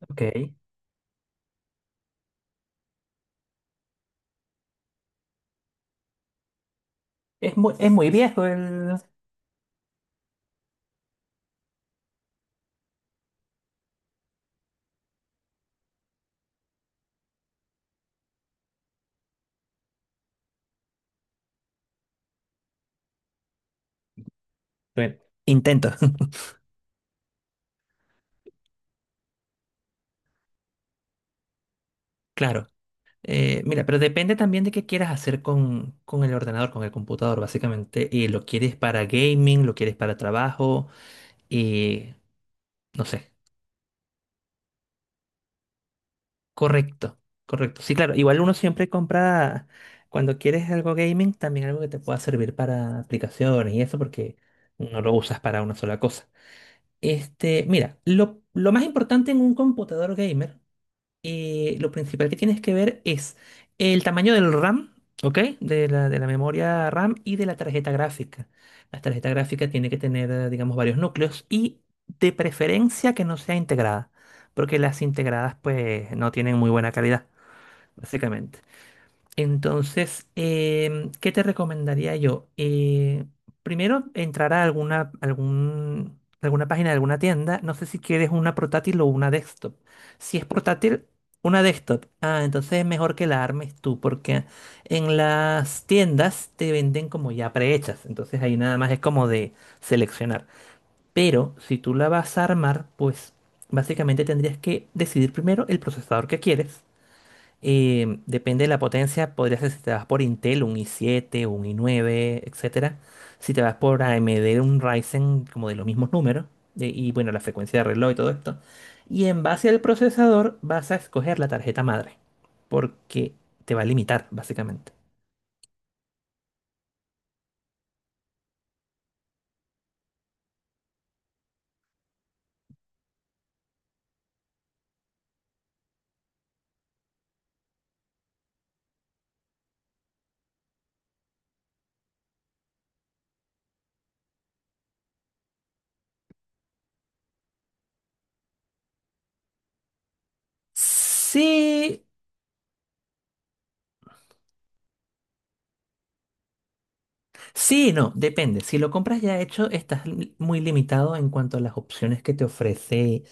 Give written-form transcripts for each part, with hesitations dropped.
Ok. Es muy viejo el. Bueno, intento, claro. Mira, pero depende también de qué quieras hacer con el ordenador, con el computador, básicamente. Y lo quieres para gaming, lo quieres para trabajo y no sé. Correcto, correcto. Sí, claro. Igual uno siempre compra, cuando quieres algo gaming, también algo que te pueda servir para aplicaciones y eso, porque no lo usas para una sola cosa. Este, mira, lo más importante en un computador gamer. Lo principal que tienes que ver es el tamaño del RAM, ¿ok? De la memoria RAM y de la tarjeta gráfica. La tarjeta gráfica tiene que tener, digamos, varios núcleos y de preferencia que no sea integrada, porque las integradas pues no tienen muy buena calidad, básicamente. Entonces, ¿qué te recomendaría yo? Primero, entrar a alguna página de alguna tienda. No sé si quieres una portátil o una desktop. Si es portátil, una desktop. Ah, entonces es mejor que la armes tú, porque en las tiendas te venden como ya prehechas. Entonces ahí nada más es como de seleccionar. Pero si tú la vas a armar, pues básicamente tendrías que decidir primero el procesador que quieres. Depende de la potencia, podría ser si te vas por Intel, un i7, un i9, etcétera. Si te vas por AMD, un Ryzen como de los mismos números. Y bueno, la frecuencia de reloj y todo esto. Y en base al procesador vas a escoger la tarjeta madre. Porque te va a limitar, básicamente. Sí, sí, no, depende. Si lo compras ya hecho, estás muy limitado en cuanto a las opciones que te ofrece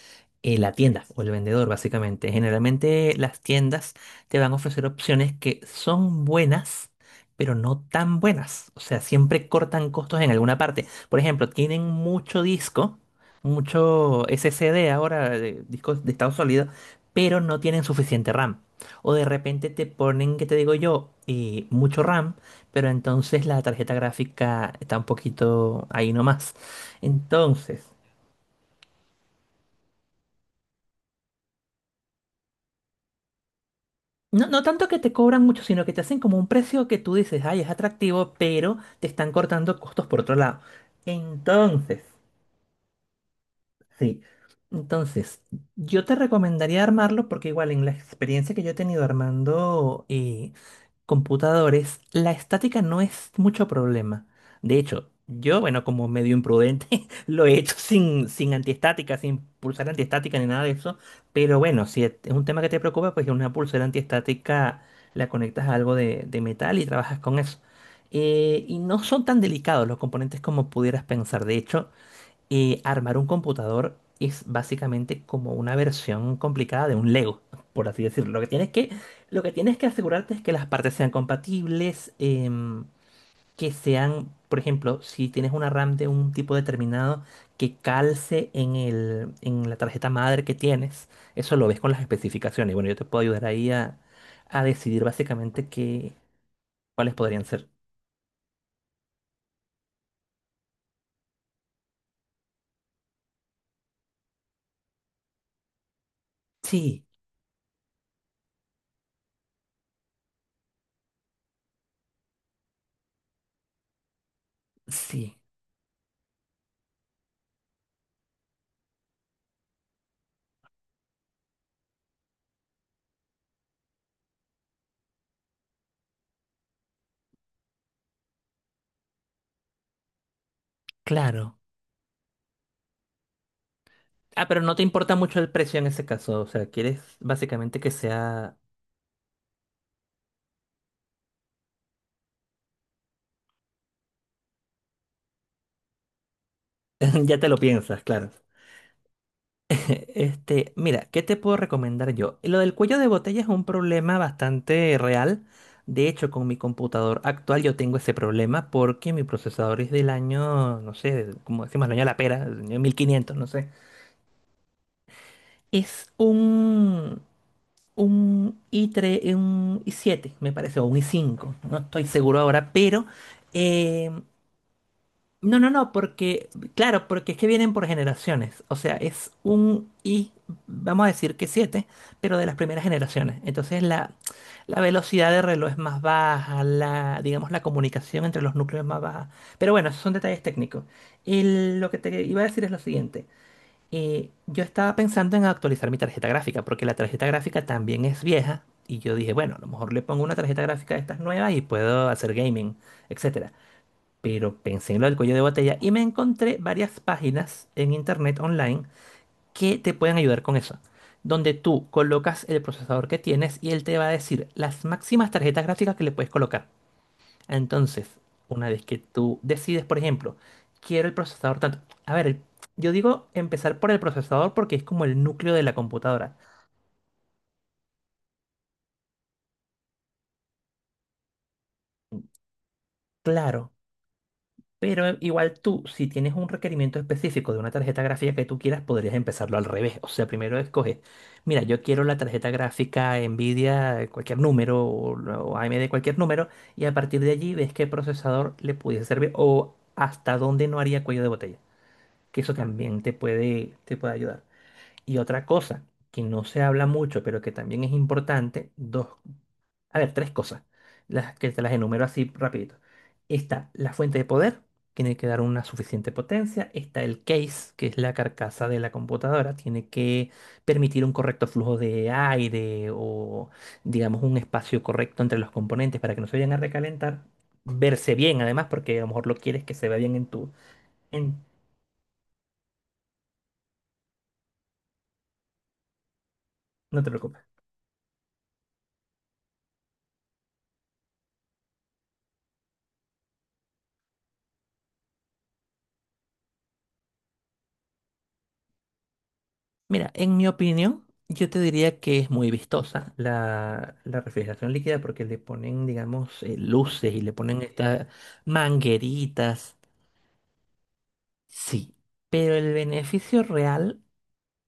eh, la tienda o el vendedor, básicamente. Generalmente las tiendas te van a ofrecer opciones que son buenas, pero no tan buenas. O sea, siempre cortan costos en alguna parte. Por ejemplo, tienen mucho disco, mucho SSD ahora, discos de estado sólido, pero no tienen suficiente RAM. O de repente te ponen, ¿qué te digo yo? Mucho RAM, pero entonces la tarjeta gráfica está un poquito ahí nomás. Entonces, no, no tanto que te cobran mucho, sino que te hacen como un precio que tú dices, ay, es atractivo, pero te están cortando costos por otro lado. Entonces, sí. Entonces, yo te recomendaría armarlo porque igual en la experiencia que yo he tenido armando, computadores, la estática no es mucho problema. De hecho, yo, bueno, como medio imprudente, lo he hecho sin, antiestática, sin pulsera antiestática ni nada de eso. Pero bueno, si es un tema que te preocupa, pues una pulsera antiestática la conectas a algo de metal y trabajas con eso. Y no son tan delicados los componentes como pudieras pensar. De hecho, armar un computador es básicamente como una versión complicada de un Lego, por así decirlo. Lo que tienes que asegurarte es que las partes sean compatibles, que sean, por ejemplo, si tienes una RAM de un tipo determinado, que calce en la tarjeta madre que tienes. Eso lo ves con las especificaciones. Bueno, yo te puedo ayudar ahí a decidir básicamente cuáles podrían ser. Sí, sí, claro. Ah, pero no te importa mucho el precio en ese caso, o sea, quieres básicamente que sea... Ya te lo piensas, claro. Este, mira, ¿qué te puedo recomendar yo? Lo del cuello de botella es un problema bastante real. De hecho, con mi computador actual yo tengo ese problema porque mi procesador es del año, no sé, como decimos, el año de la pera, el año 1500, no sé. Es un i3, un i7, me parece, o un i5. No estoy seguro ahora, pero... eh, No, no, no, porque, claro, porque es que vienen por generaciones. O sea, es un I, vamos a decir que siete, pero de las primeras generaciones. Entonces la velocidad de reloj es más baja, digamos, la comunicación entre los núcleos es más baja. Pero bueno, esos son detalles técnicos. Lo que te iba a decir es lo siguiente. Yo estaba pensando en actualizar mi tarjeta gráfica, porque la tarjeta gráfica también es vieja. Y yo dije, bueno, a lo mejor le pongo una tarjeta gráfica de estas nuevas y puedo hacer gaming, etcétera, pero pensé en lo del cuello de botella y me encontré varias páginas en internet online que te pueden ayudar con eso, donde tú colocas el procesador que tienes y él te va a decir las máximas tarjetas gráficas que le puedes colocar. Entonces, una vez que tú decides, por ejemplo, quiero el procesador tanto, a ver, yo digo empezar por el procesador porque es como el núcleo de la computadora. Claro, pero igual tú, si tienes un requerimiento específico de una tarjeta gráfica que tú quieras, podrías empezarlo al revés. O sea, primero escoges, mira, yo quiero la tarjeta gráfica Nvidia, cualquier número, o AMD, cualquier número, y a partir de allí ves qué procesador le pudiese servir o hasta dónde no haría cuello de botella. Que eso también te puede ayudar. Y otra cosa que no se habla mucho, pero que también es importante, dos a ver, tres cosas, las que te las enumero así rapidito. Está la fuente de poder, tiene que dar una suficiente potencia. Está el case, que es la carcasa de la computadora, tiene que permitir un correcto flujo de aire o, digamos, un espacio correcto entre los componentes para que no se vayan a recalentar. Verse bien, además, porque a lo mejor lo quieres que se vea bien en tu... En... No te preocupes. Mira, en mi opinión, yo te diría que es muy vistosa la refrigeración líquida porque le ponen, digamos, luces y le ponen estas mangueritas. Sí, pero el beneficio real,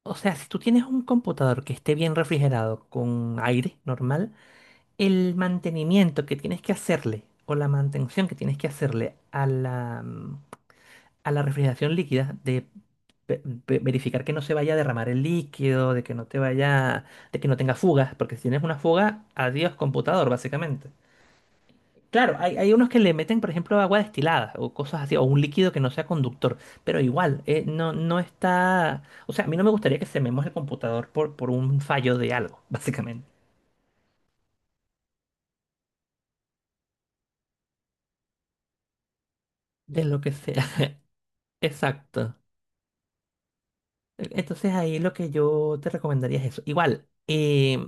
o sea, si tú tienes un computador que esté bien refrigerado con aire normal, el mantenimiento que tienes que hacerle o la mantención que tienes que hacerle a la refrigeración líquida, de verificar que no se vaya a derramar el líquido, de que no te vaya, de que no tenga fugas, porque si tienes una fuga, adiós computador, básicamente. Claro, hay unos que le meten, por ejemplo, agua destilada o cosas así, o un líquido que no sea conductor, pero igual, no, no está... O sea, a mí no me gustaría que sememos el computador por un fallo de algo, básicamente. De lo que sea. Exacto. Entonces ahí lo que yo te recomendaría es eso. Igual,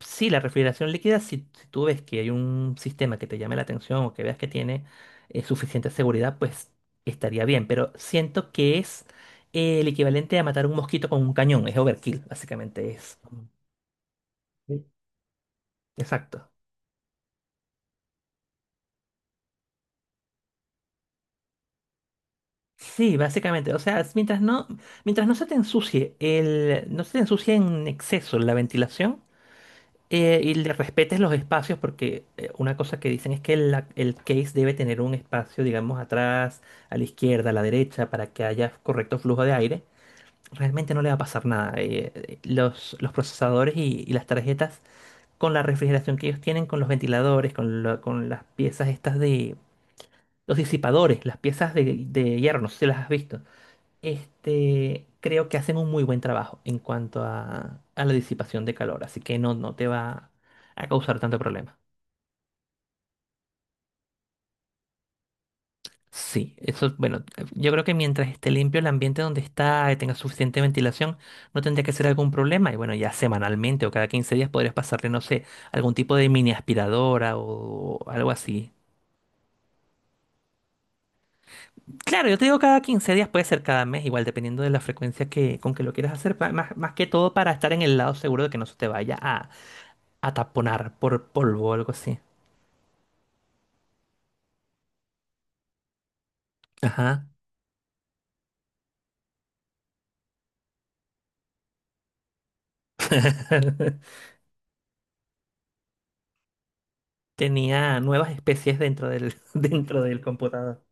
sí, la refrigeración líquida, si tú ves que hay un sistema que te llame la atención o que veas que tiene suficiente seguridad, pues estaría bien. Pero siento que es el equivalente a matar un mosquito con un cañón. Es overkill, básicamente es. Sí. Exacto. Sí, básicamente. O sea, mientras no se te ensucie no se te ensucie en exceso la ventilación. Y le respetes los espacios porque una cosa que dicen es que el case debe tener un espacio, digamos, atrás, a la izquierda, a la derecha, para que haya correcto flujo de aire. Realmente no le va a pasar nada. Los procesadores y las tarjetas, con la refrigeración que ellos tienen, con los ventiladores, con las piezas estas de... Los disipadores, las piezas de hierro, no sé si las has visto. Este, creo que hacen un muy buen trabajo en cuanto a la disipación de calor, así que no, no te va a causar tanto problema. Sí, eso, bueno, yo creo que mientras esté limpio el ambiente donde está y tenga suficiente ventilación, no tendría que ser algún problema. Y bueno, ya semanalmente o cada 15 días podrías pasarle, no sé, algún tipo de mini aspiradora o algo así. Claro, yo te digo cada 15 días, puede ser cada mes, igual dependiendo de la frecuencia con que lo quieras hacer, más que todo para estar en el lado seguro de que no se te vaya a ataponar por polvo o algo así. Ajá. Tenía nuevas especies dentro del, dentro del computador.